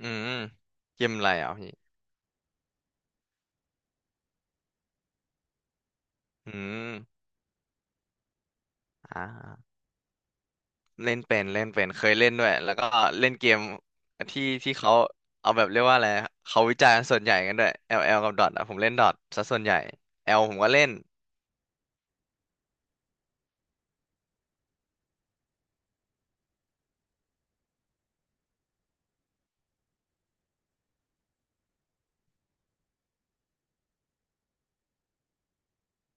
อืมเกมอะไรอ่ะพี่อืมอ่าเล่นเป็นเคยเล่นด้วยแล้วก็เล่นเกมที่ที่เขาเอาแบบเรียกว่าอะไรเขาวิจารณ์ส่วนใหญ่กันด้วย l ลแอลกับดอทอ่ะผมเล่นดอทซะส่วนใหญ่ L ผมก็เล่น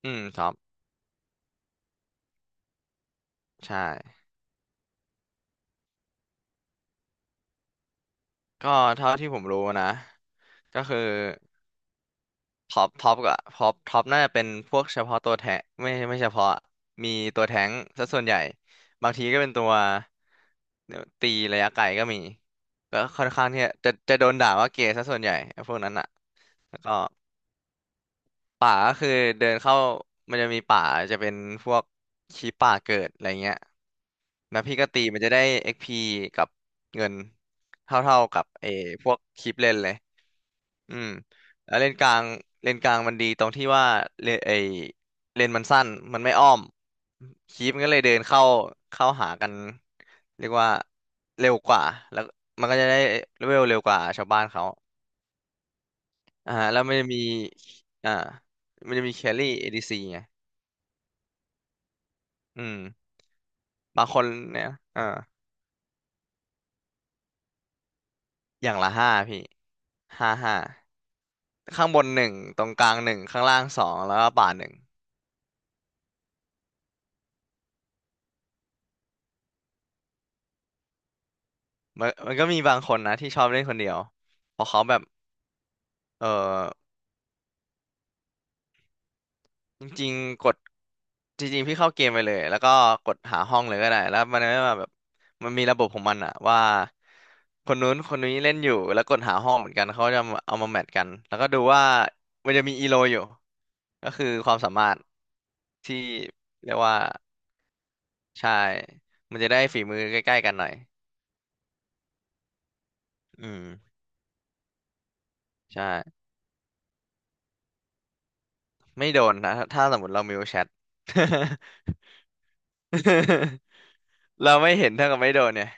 อืมครับใช่ก็เท่าที่ผมรู้นะก็คือ ท็อปท็อปก็ท็อปท็อปน่าจะเป็นพวกเฉพาะตัวแทงไม่เฉพาะมีตัวแท้งซะส่วนใหญ่บางทีก็เป็นตัวตีระยะไกลก็มีก็ค่อนข้างที่จะโดนด่าว่าเกย์ซะส่วนใหญ่ไอ้พวกนั้นอ่ะแล้วก็ป่าก็คือเดินเข้ามันจะมีป่าจะเป็นพวกขี้ป่าเกิดอะไรเงี้ยแล้วพี่ก็ตีมันจะได้ XP กซ์พีกับเงินเท่าๆกับเออพวกคลิปเล่นเลย อืมแล้วเลนกลางเลนกลางมันดีตรงที่ว่าเลนไอเลนมันสั้นมันไม่อ้อมคีปมันก็เลยเดินเข้าเข้าหากันเรียกว่าเร็วกว่าแล้วมันก็จะได้เลเวลเร็วกว่าชาวบ้านเขาแล้วอ่ามันจะมีแครี่เอดีซีไงอืมบางคนเนี่ยอ่าอย่างละห้าพี่ห้าข้างบนหนึ่งตรงกลางหนึ่งข้างล่างสองแล้วก็ป่าหนึ่งมันก็มีบางคนนะที่ชอบเล่นคนเดียวเพราะเขาแบบ เออจริงๆกดจริงๆพี่เข้าเกมไปเลยแล้วก็กดหาห้องเลยก็ได้แล้วมันไม่มาแบบมันมีระบบของมันอะว่าคนนู้นคนนี้เล่นอยู่แล้วกดหาห้องเหมือนกันเขาจะเอามาแมทกันแล้วก็ดูว่ามันจะมีอีโลอยู่ก็คือความสามารถที่เรียกว่าใช่มันจะได้ฝีมือใกล้ๆกันหน่อยอืมใช่ไม่โดนนะถ้าสมมติเรามิวแชท เราไม่เห็นเท่ากับไม่โดนเนี่ย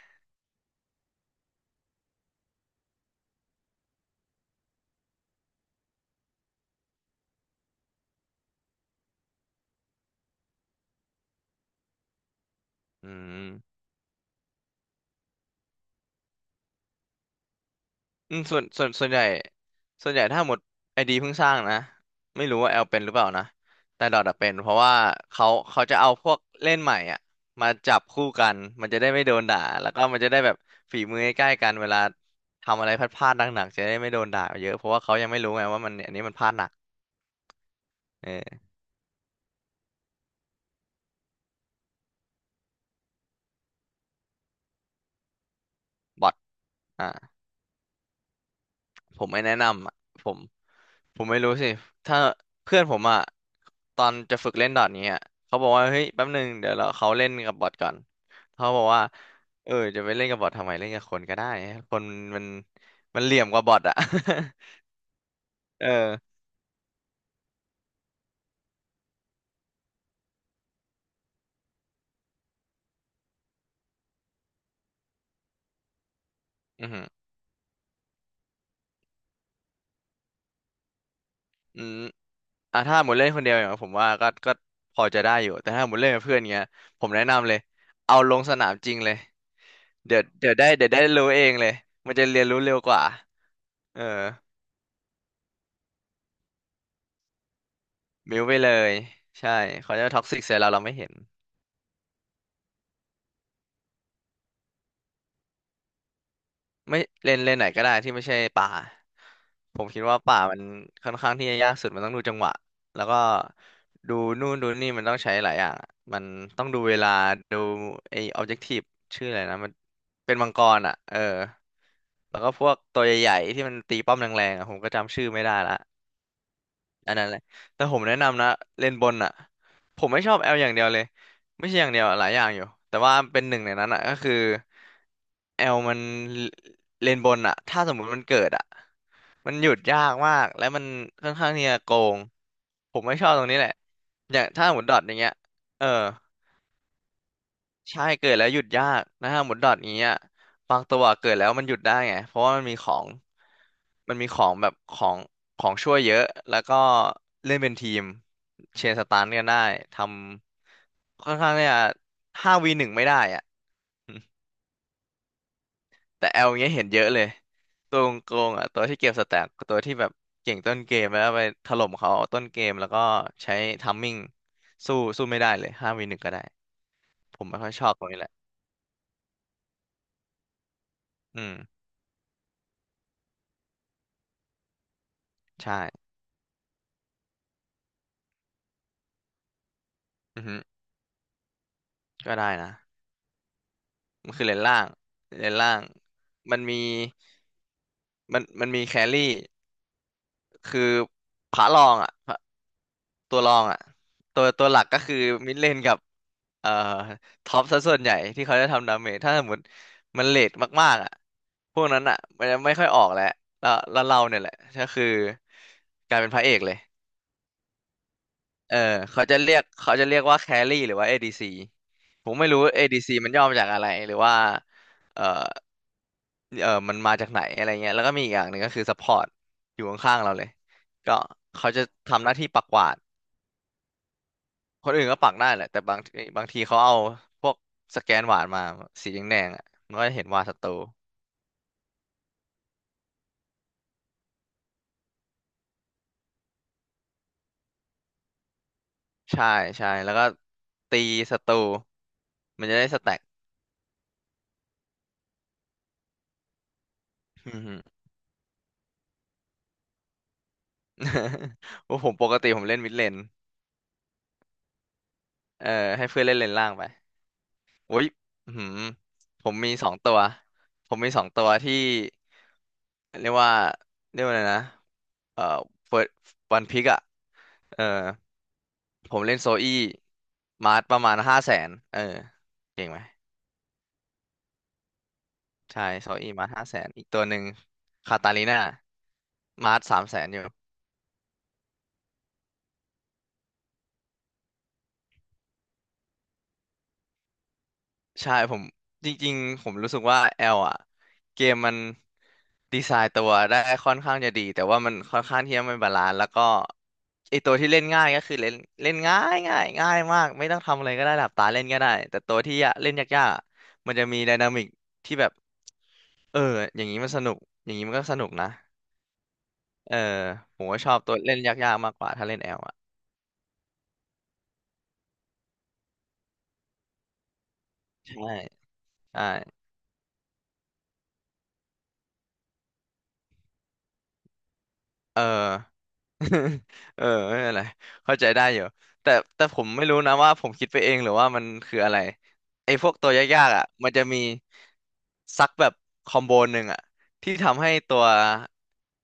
อืม อืมส่วนส่วนส่วนใหญ่ส่วนใหญ่ถ้าหมดไอดีเพิ่งสร้างนะไม่รู้ว่าแอลเป็นหรือเปล่านะแต่ดอทอะเป็นเพราะว่าเขาเขาจะเอาพวกเล่นใหม่อ่ะมาจับคู่กันมันจะได้ไม่โดนด่าแล้วก็มันจะได้แบบฝีมือใกล้ๆกันเวลาทำอะไรพลาดๆหนักๆจะได้ไม่โดนด่าเยอะเพราะว่าเขายังไม่รู้ไงว่ามันอันนี้มันพลาดหนักเออบอทอ่ะผมไม่แนะนำอ่ะผม ผมไม่รู้สิถ้าเพื่อนผมอ่ะตอนจะฝึกเล่นดอทนี้อะเขาบอกว่าเฮ้ยแป๊บหนึ่งเดี๋ยวเราเขาเล่นกับบอทก่อนเขาบอกว่าเออจะไปเล่นกับบอททำไมเล่นกับคนก็ได้คนมันมันเหลี่ยมกว่าบอทอ่ะ เอออือหืออืมอ่ะถ้าหมดเล่นคนเดียวอย่างผมว่าก็พอจะได้อยู่แต่ถ้าหมดเล่นกับเพื่อนเงี้ยผมแนะนำเลยเอาลงสนามจริงเลยเดี๋ยวได้รู้เองเลยมันจะเรียนรู้เร็วกว่าเออมิวไปเลยใช่เขาจะท็อกซิกใส่เราเราไม่เห็น ไม่เลนไหนก็ได้ที่ไม่ใช่ป่าผมคิดว่าป่ามันค่อนข้างที่จะยากสุดมันต้องดูจังหวะแล้วก็ดูนู่นดูนี่มันต้องใช้หลายอย่างอะมันต้องดูเวลาดูไอ้ออบเจกทีฟชื่ออะไรนะมันเป็นมังกรอ่ะเออแล้วก็พวกตัวใหญ่ๆที่มันตีป้อมแรงๆอ่ะผมก็จำชื่อไม่ได้ละอันนั้นแหละแต่ผมแนะนำนะเลนบนอ่ะผมไม่ชอบแอลอย่างเดียวเลยไม่ใช่อย่างเดียวอะหลายอย่างอยู่แต่ว่าเป็นหนึ่งในนั้นอ่ะก็คือ แอลมันเลนบนอะถ้าสมมุติมันเกิดอะมันหยุดยากมาก และมันค่อนข้างที่จะโกงผมไม่ชอบตรงนี้แหละอย่างถ้าหมุนดอทอย่างเงี้ยเออใช่เกิดแล้วหยุดยากนะฮะาหมุนดอทอย่างเงี้ยบางตัวเกิดแล้วมันหยุดได้ไงเพราะว่ามันมีของมันมีของแบบของของช่วยเยอะแล้วก็เล่นเป็นทีมเชนสตาร์กันได้ ทำค่อนข้างเนี่ยห้าวีหนึ่งไม่ได้อ่ะ แต่แอลเงี้ยเห็นเยอะเลยตัวโกงๆอ่ะตัวที่เก็บสแต็กตัวที่แบบเก่งต้นเกมแล้วไปถล่มเขาต้นเกมแล้วก็ใช้ทัมมิ่งสู้ไม่ได้เลยห้าวีหนึ่งก็ได้ผมไม่ค่อยชอบตรงนี้แหละอืมใช่อือฮึก็ได้นะมันคือเลนล่างเลนล่างมันมีมันมีแครี่ คือพระรองอ่ะพระตัวรองอ่ะตัวหลักก็คือมิดเลนกับเอ่อท็อปซะส่วนใหญ่ที่เขาจะทำดาเมจถ้าสมมติมันเลทมากๆอ่ะพวกนั้นอ่ะมันจะไม่ค่อยออกแล้วเราเนี่ยแหละก็คือกลายเป็นพระเอกเลย เออเขาจะเรียกเขาจะเรียกว่าแครี่หรือว่า ADC ผมไม่รู้ ADC มันย่อมาจากอะไรหรือว่าเออมันมาจากไหนอะไรเงี้ยแล้วก็มีอีกอย่างหนึ่งก็คือ support อร์ตอยู่ข้างๆเราเลยก็เขาจะทำหน้าที่ปักหวาดคนอื่นก็ปักได้แหละแต่บางทีเขาเอาพวกสแกนหวาดมาสีแดงๆอ่ะมันก็จะเห็นหวาดศัตรูใช่ใช่แล้วก็ตีศัตรูมันจะได้สแต็กอืมฮึ ว่า ผมปกติผมเล่นมิดเลนเออให้เพื่อนเล่นเลนล่างไป อุ้ยอื้อหือผมมีสองตัว ผมมีสองตัวที่เรียกว่าเรียกว่าอะไรนะเอ่อเฟิร์วันพิกอ่ะ เออผมเล่นโซอี้มาร์ทประมาณห้าแสนเออ เก่งไหม ใช่ โซอี้มาร์ท500,000อีกตัวหนึ่งคาตาลิน่า มาร์ท300,000อยู่ ใช่ผมจริงๆผมรู้สึกว่าแอลอ่ะเกมมันดีไซน์ตัวได้ค่อนข้างจะดีแต่ว่ามันค่อนข้างที่จะไม่บาลานซ์แล้วก็ไอตัวที่เล่นง่ายก็คือเล่นเล่นง่ายง่ายง่ายมากไม่ต้องทำอะไรก็ได้หลับตาเล่นก็ได้แต่ตัวที่ยะเล่นยากๆอะมันจะมีไดนามิกที่แบบเอออย่างนี้มันสนุกอย่างนี้มันก็สนุกนะเออผมก็ชอบตัวเล่นยากๆมากกว่าถ้าเล่นแอลอ่ะใช่ใช่ เออ เออไม่เป็นไรเข้าใจได้อยู่แต่แต่ผมไม่รู้นะว่าผมคิดไปเองหรือว่ามันคืออะไรไอ้พวกตัวยากๆอ่ะมันจะมีซักแบบคอมโบหนึ่งอ่ะที่ทำให้ตัว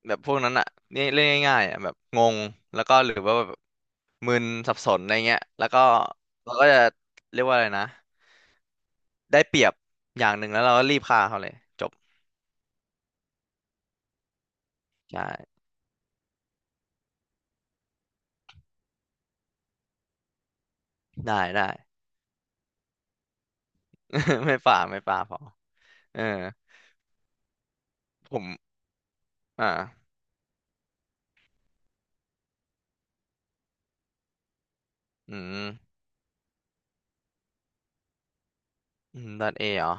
แบบพวกนั้นอ่ะนี่เล่นง่ายๆอ่ะแบบงงแล้วก็หรือว่าแบบมึนสับสนอะไรเงี้ยแล้วก็เราก็จะเรียกว่าอะไรนะได้เปรียบอย่างหนึ่งแล้วเราก็รีบฆ่าเขาเลยจบใช่ได้ได้ ไม่ฝ่าไม่ฝ่าพอเออผมอ่า อืมอืมดอทเอเหรอ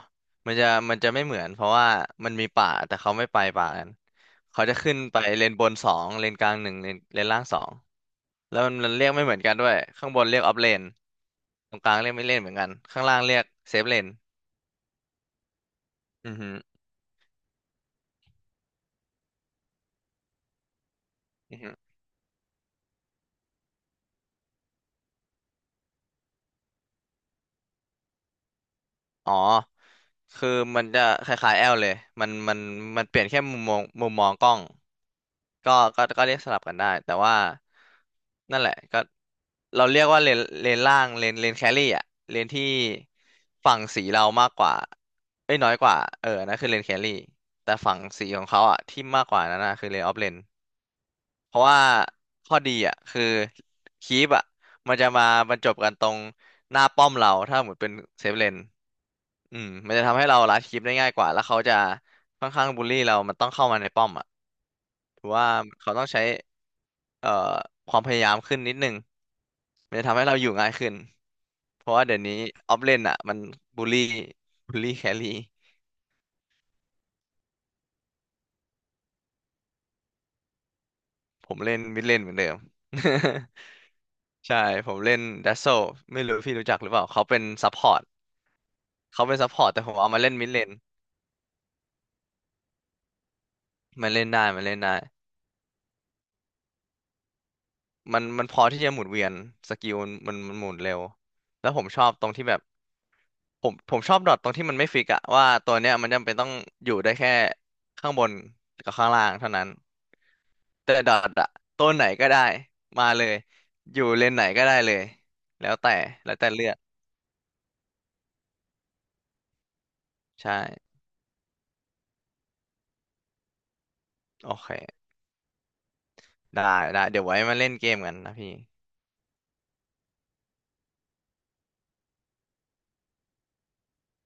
มันจะมันจะไม่เหมือนเพราะว่ามันมีป่าแต่เขาไม่ไปป่ากันเขาจะขึ้นไปเลนบนสองเลนกลางหนึ่งเลนเลนล่างสองแล้วมันเรียกไม่เหมือนกันด้วยข้างบนเรียกออฟเลนตรงกลางเรียกไม่เลนเหมือนกันข้างล่างเรียกเซฟเลนอือฮึ อ๋อคือมันจะคล้ายๆแอลเลยมันมันมันเปลี่ยนแค่มุมมองมุมมองกล้อง ก็ก็เรียกสลับกันได้ แต่ว่านั่นแหละก็เราเรียกว่าเลนล่างเลนแครี่อะเลนที่ฝั่งสีเรามากกว่าเอ้ยน้อยกว่าเออนั่นคือเลนแครี่แต่ฝั่งสีของเขาอะที่มากกว่านั้นนะคือเลนออฟเลนเพราะว่าข้อดีอ่ะคือคีปอ่ะมันจะมาบรรจบกันตรงหน้าป้อมเราถ้าหมดเป็นเซฟเลน อืมมันจะทำให้เราลัดคลิปได้ง่ายกว่าแล้วเขาจะค่อนข้างบูลลี่เรามันต้องเข้ามาในป้อมอ่ะถือว่าเขาต้องใช้เอ่อความพยายามขึ้นนิดนึงมันจะทำให้เราอยู่ง่ายขึ้นเพราะว่าเดี๋ยวนี้ออฟเลนอ่ะมันบูลลี่บูลลี่แครี่ผมเล่นมิดเลนเหมือนเดิม ใช่ผมเล่นดัสโซไม่รู้พี่รู้จักหรือเปล่าเขาเป็นซัพพอร์ตเขาเป็นซัพพอร์ตแต่ผมเอามาเล่นมิดเลนมันเล่นได้มันเล่นได้ มันพอที่จะหมุนเวียนสกิลมันหมุนเร็วแล้วผมชอบตรงที่แบบผมชอบดอทตรงที่มันไม่ฟิกอะว่าตัวเนี้ยมันจำเป็นต้องอยู่ได้แค่ข้างบนกับข้างล่างเท่านั้นแต่ดอทอะตัวไหนก็ได้มาเลยอยู่เลนไหนก็ได้เลยแล้วแต่แล้วแต่เลือกใช่โอเคได้ได้เดี๋ยวไว้มาเล่นเกมกันนะพี่